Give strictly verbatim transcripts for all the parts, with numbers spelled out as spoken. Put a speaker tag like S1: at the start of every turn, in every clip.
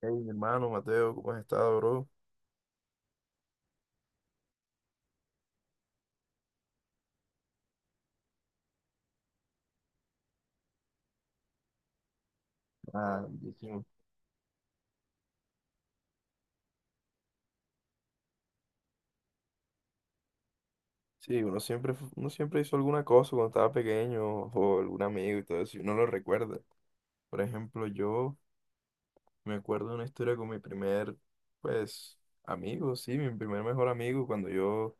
S1: Hey, mi hermano Mateo, ¿cómo has estado, bro? Ah, buenísimo. Sí, uno siempre, fu- uno siempre hizo alguna cosa cuando estaba pequeño o algún amigo y todo eso, y uno lo recuerda. Por ejemplo, yo me acuerdo de una historia con mi primer, pues, amigo, sí, mi primer mejor amigo, cuando yo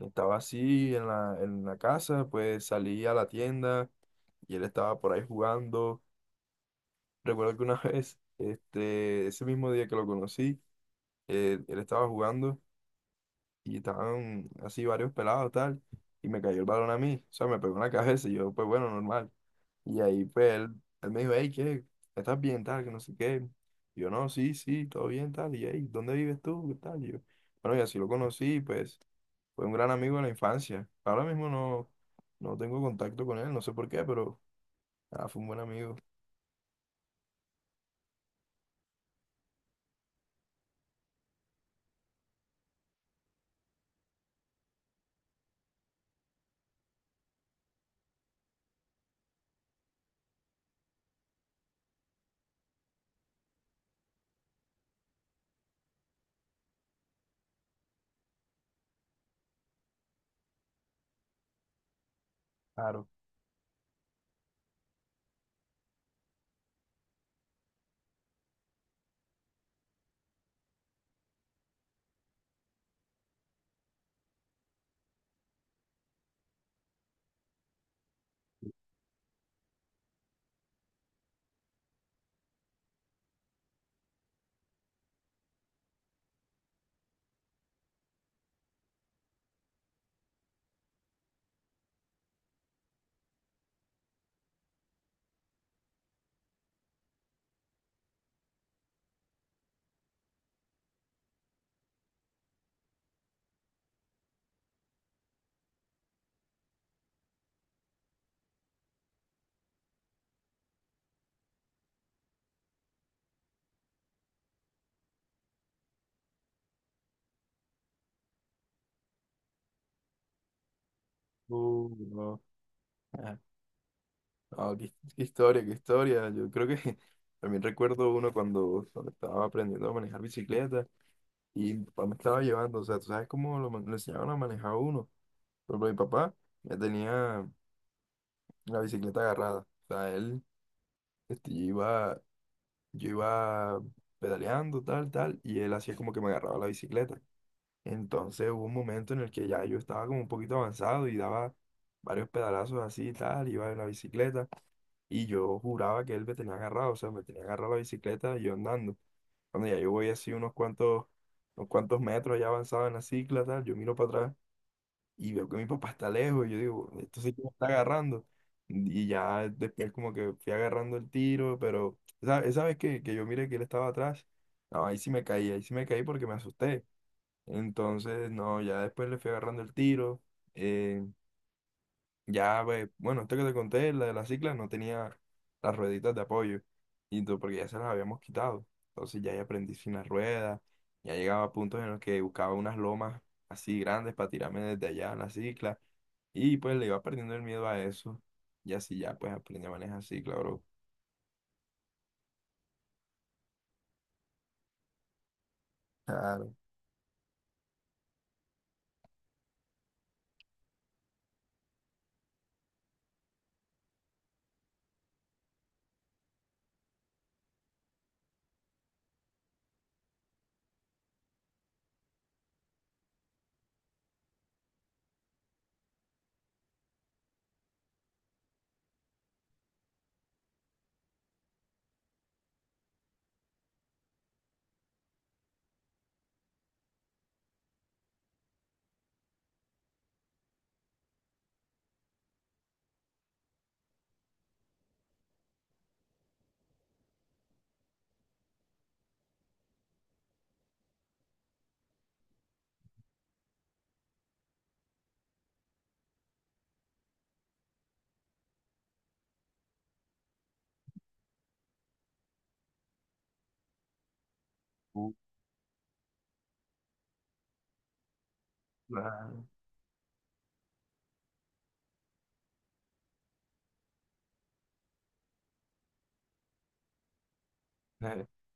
S1: estaba así en la, en la casa, pues salí a la tienda y él estaba por ahí jugando. Recuerdo que una vez, este, ese mismo día que lo conocí, eh, él estaba jugando, y estaban así varios pelados, tal, y me cayó el balón a mí, o sea, me pegó en la cabeza y yo, pues bueno, normal. Y ahí, pues, él, él me dijo, hey, ¿qué? ¿Estás bien, tal, que no sé qué? Y yo, no, sí, sí, todo bien, tal, y hey, ¿dónde vives tú? ¿Qué tal? Y yo, bueno, y así lo conocí, pues, fue un gran amigo de la infancia. Ahora mismo no, no tengo contacto con él, no sé por qué, pero, ah, fue un buen amigo, claro. Uh, no. Ah, qué, qué historia, qué historia. Yo creo que también recuerdo uno cuando, cuando estaba aprendiendo a manejar bicicleta y mi papá me estaba llevando. O sea, tú sabes cómo lo, man- lo enseñaban a manejar a uno. Por ejemplo, mi papá ya tenía la bicicleta agarrada. O sea, él, este, yo iba, yo iba pedaleando, tal, tal, y él hacía como que me agarraba la bicicleta. Entonces hubo un momento en el que ya yo estaba como un poquito avanzado y daba varios pedalazos así y tal, iba en la bicicleta. Y yo juraba que él me tenía agarrado, o sea, me tenía agarrado la bicicleta y yo andando. Cuando ya yo voy así unos cuantos, unos cuantos metros ya avanzado en la cicla, tal, yo miro para atrás y veo que mi papá está lejos y yo digo, esto sí que me está agarrando. Y ya después como que fui agarrando el tiro, pero esa, esa vez que, que yo miré que él estaba atrás, no, ahí sí me caí, ahí sí me caí porque me asusté. Entonces, no, ya después le fui agarrando el tiro. eh, ya, ve, bueno, esto que te conté, la de la cicla, no tenía las rueditas de apoyo, y tú, porque ya se las habíamos quitado. Entonces ya, ya aprendí sin las ruedas, ya llegaba a puntos en los que buscaba unas lomas así grandes para tirarme desde allá en la cicla, y pues le iba perdiendo el miedo a eso, y así ya pues aprendí a manejar cicla, bro. Claro, tú, claro.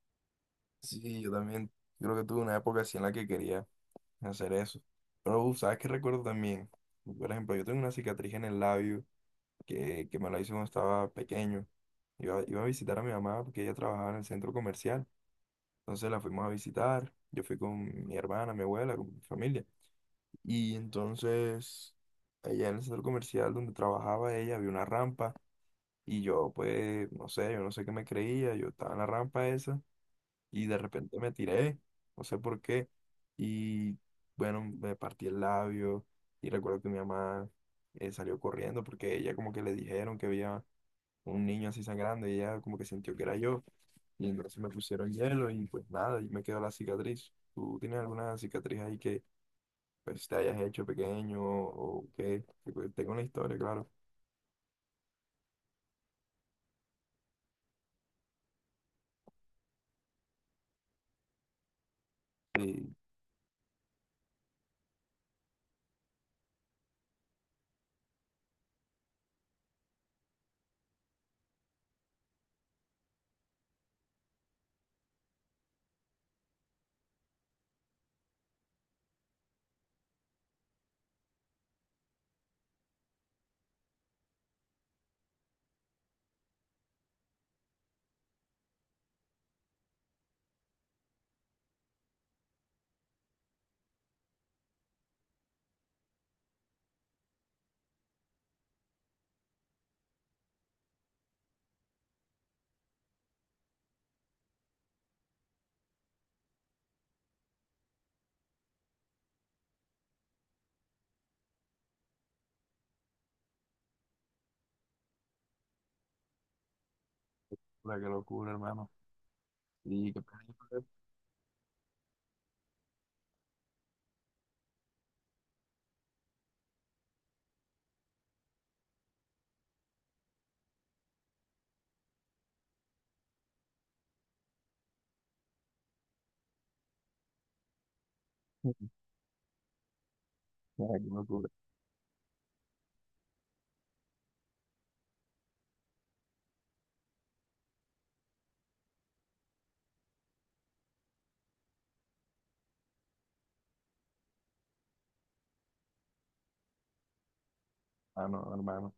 S1: Sí, yo también creo que tuve una época así en la que quería hacer eso. Pero, uf, ¿sabes qué recuerdo también? Por ejemplo, yo tengo una cicatriz en el labio que, que me la hizo cuando estaba pequeño. Iba, iba a visitar a mi mamá porque ella trabajaba en el centro comercial. Entonces la fuimos a visitar. Yo fui con mi hermana, mi abuela, con mi familia. Y entonces, allá en el centro comercial donde trabajaba ella había una rampa. Y yo, pues, no sé, yo no sé qué me creía. Yo estaba en la rampa esa y de repente me tiré, no sé por qué. Y bueno, me partí el labio. Y recuerdo que mi mamá eh, salió corriendo porque ella como que le dijeron que había un niño así sangrando y ella como que sintió que era yo y entonces me pusieron hielo y pues nada, y me quedó la cicatriz. ¿Tú tienes alguna cicatriz ahí que pues te hayas hecho pequeño o qué? Que, pues, tengo una historia, claro. Y la que locura, hermano. Y qué pena. Ah, qué locura. Ah, no, hermano.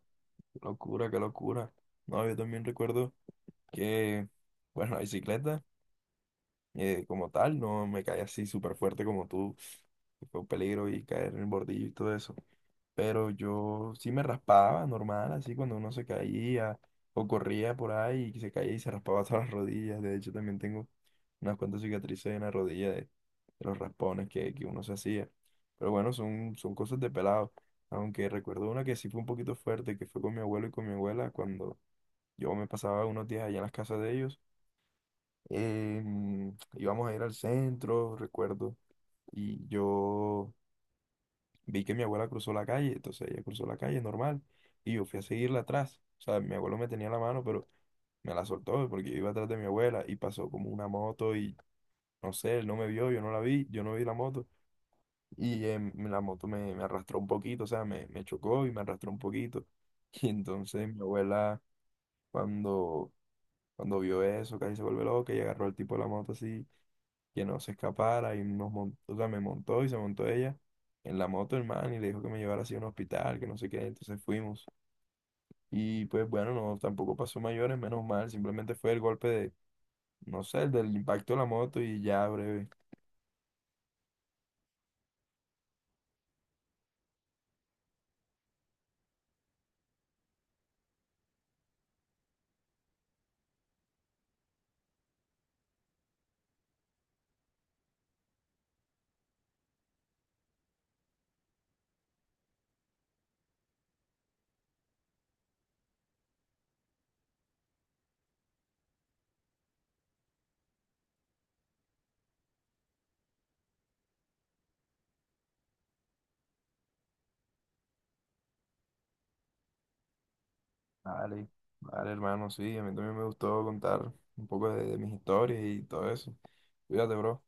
S1: Qué locura, qué locura. No, yo también recuerdo que, bueno, la bicicleta, eh, como tal, no me caí así súper fuerte como tú. Fue un peligro y caer en el bordillo y todo eso, pero yo sí me raspaba normal, así cuando uno se caía o corría por ahí y se caía y se raspaba todas las rodillas. De hecho, también tengo unas cuantas cicatrices en la rodilla de, de los raspones que, que uno se hacía. Pero bueno, son, son cosas de pelado. Aunque recuerdo una que sí fue un poquito fuerte, que fue con mi abuelo y con mi abuela cuando yo me pasaba unos días allá en las casas de ellos. Em, íbamos a ir al centro, recuerdo, y yo vi que mi abuela cruzó la calle, entonces ella cruzó la calle normal y yo fui a seguirla atrás. O sea, mi abuelo me tenía la mano, pero me la soltó porque yo iba atrás de mi abuela y pasó como una moto y no sé, él no me vio, yo no la vi, yo no vi la moto y em, la moto me, me arrastró un poquito, o sea, me, me chocó y me arrastró un poquito. Y entonces mi abuela cuando, cuando vio eso, casi se vuelve loca y agarró al tipo de la moto así que no se escapara y nos montó, o sea, me montó y se montó ella en la moto, hermano, y le dijo que me llevara así a un hospital, que no sé qué, entonces fuimos. Y pues bueno, no, tampoco pasó mayores, menos mal, simplemente fue el golpe de, no sé, el del impacto de la moto y ya breve. Vale, vale, hermano, sí, a mí también me gustó contar un poco de, de mis historias y todo eso. Cuídate, bro.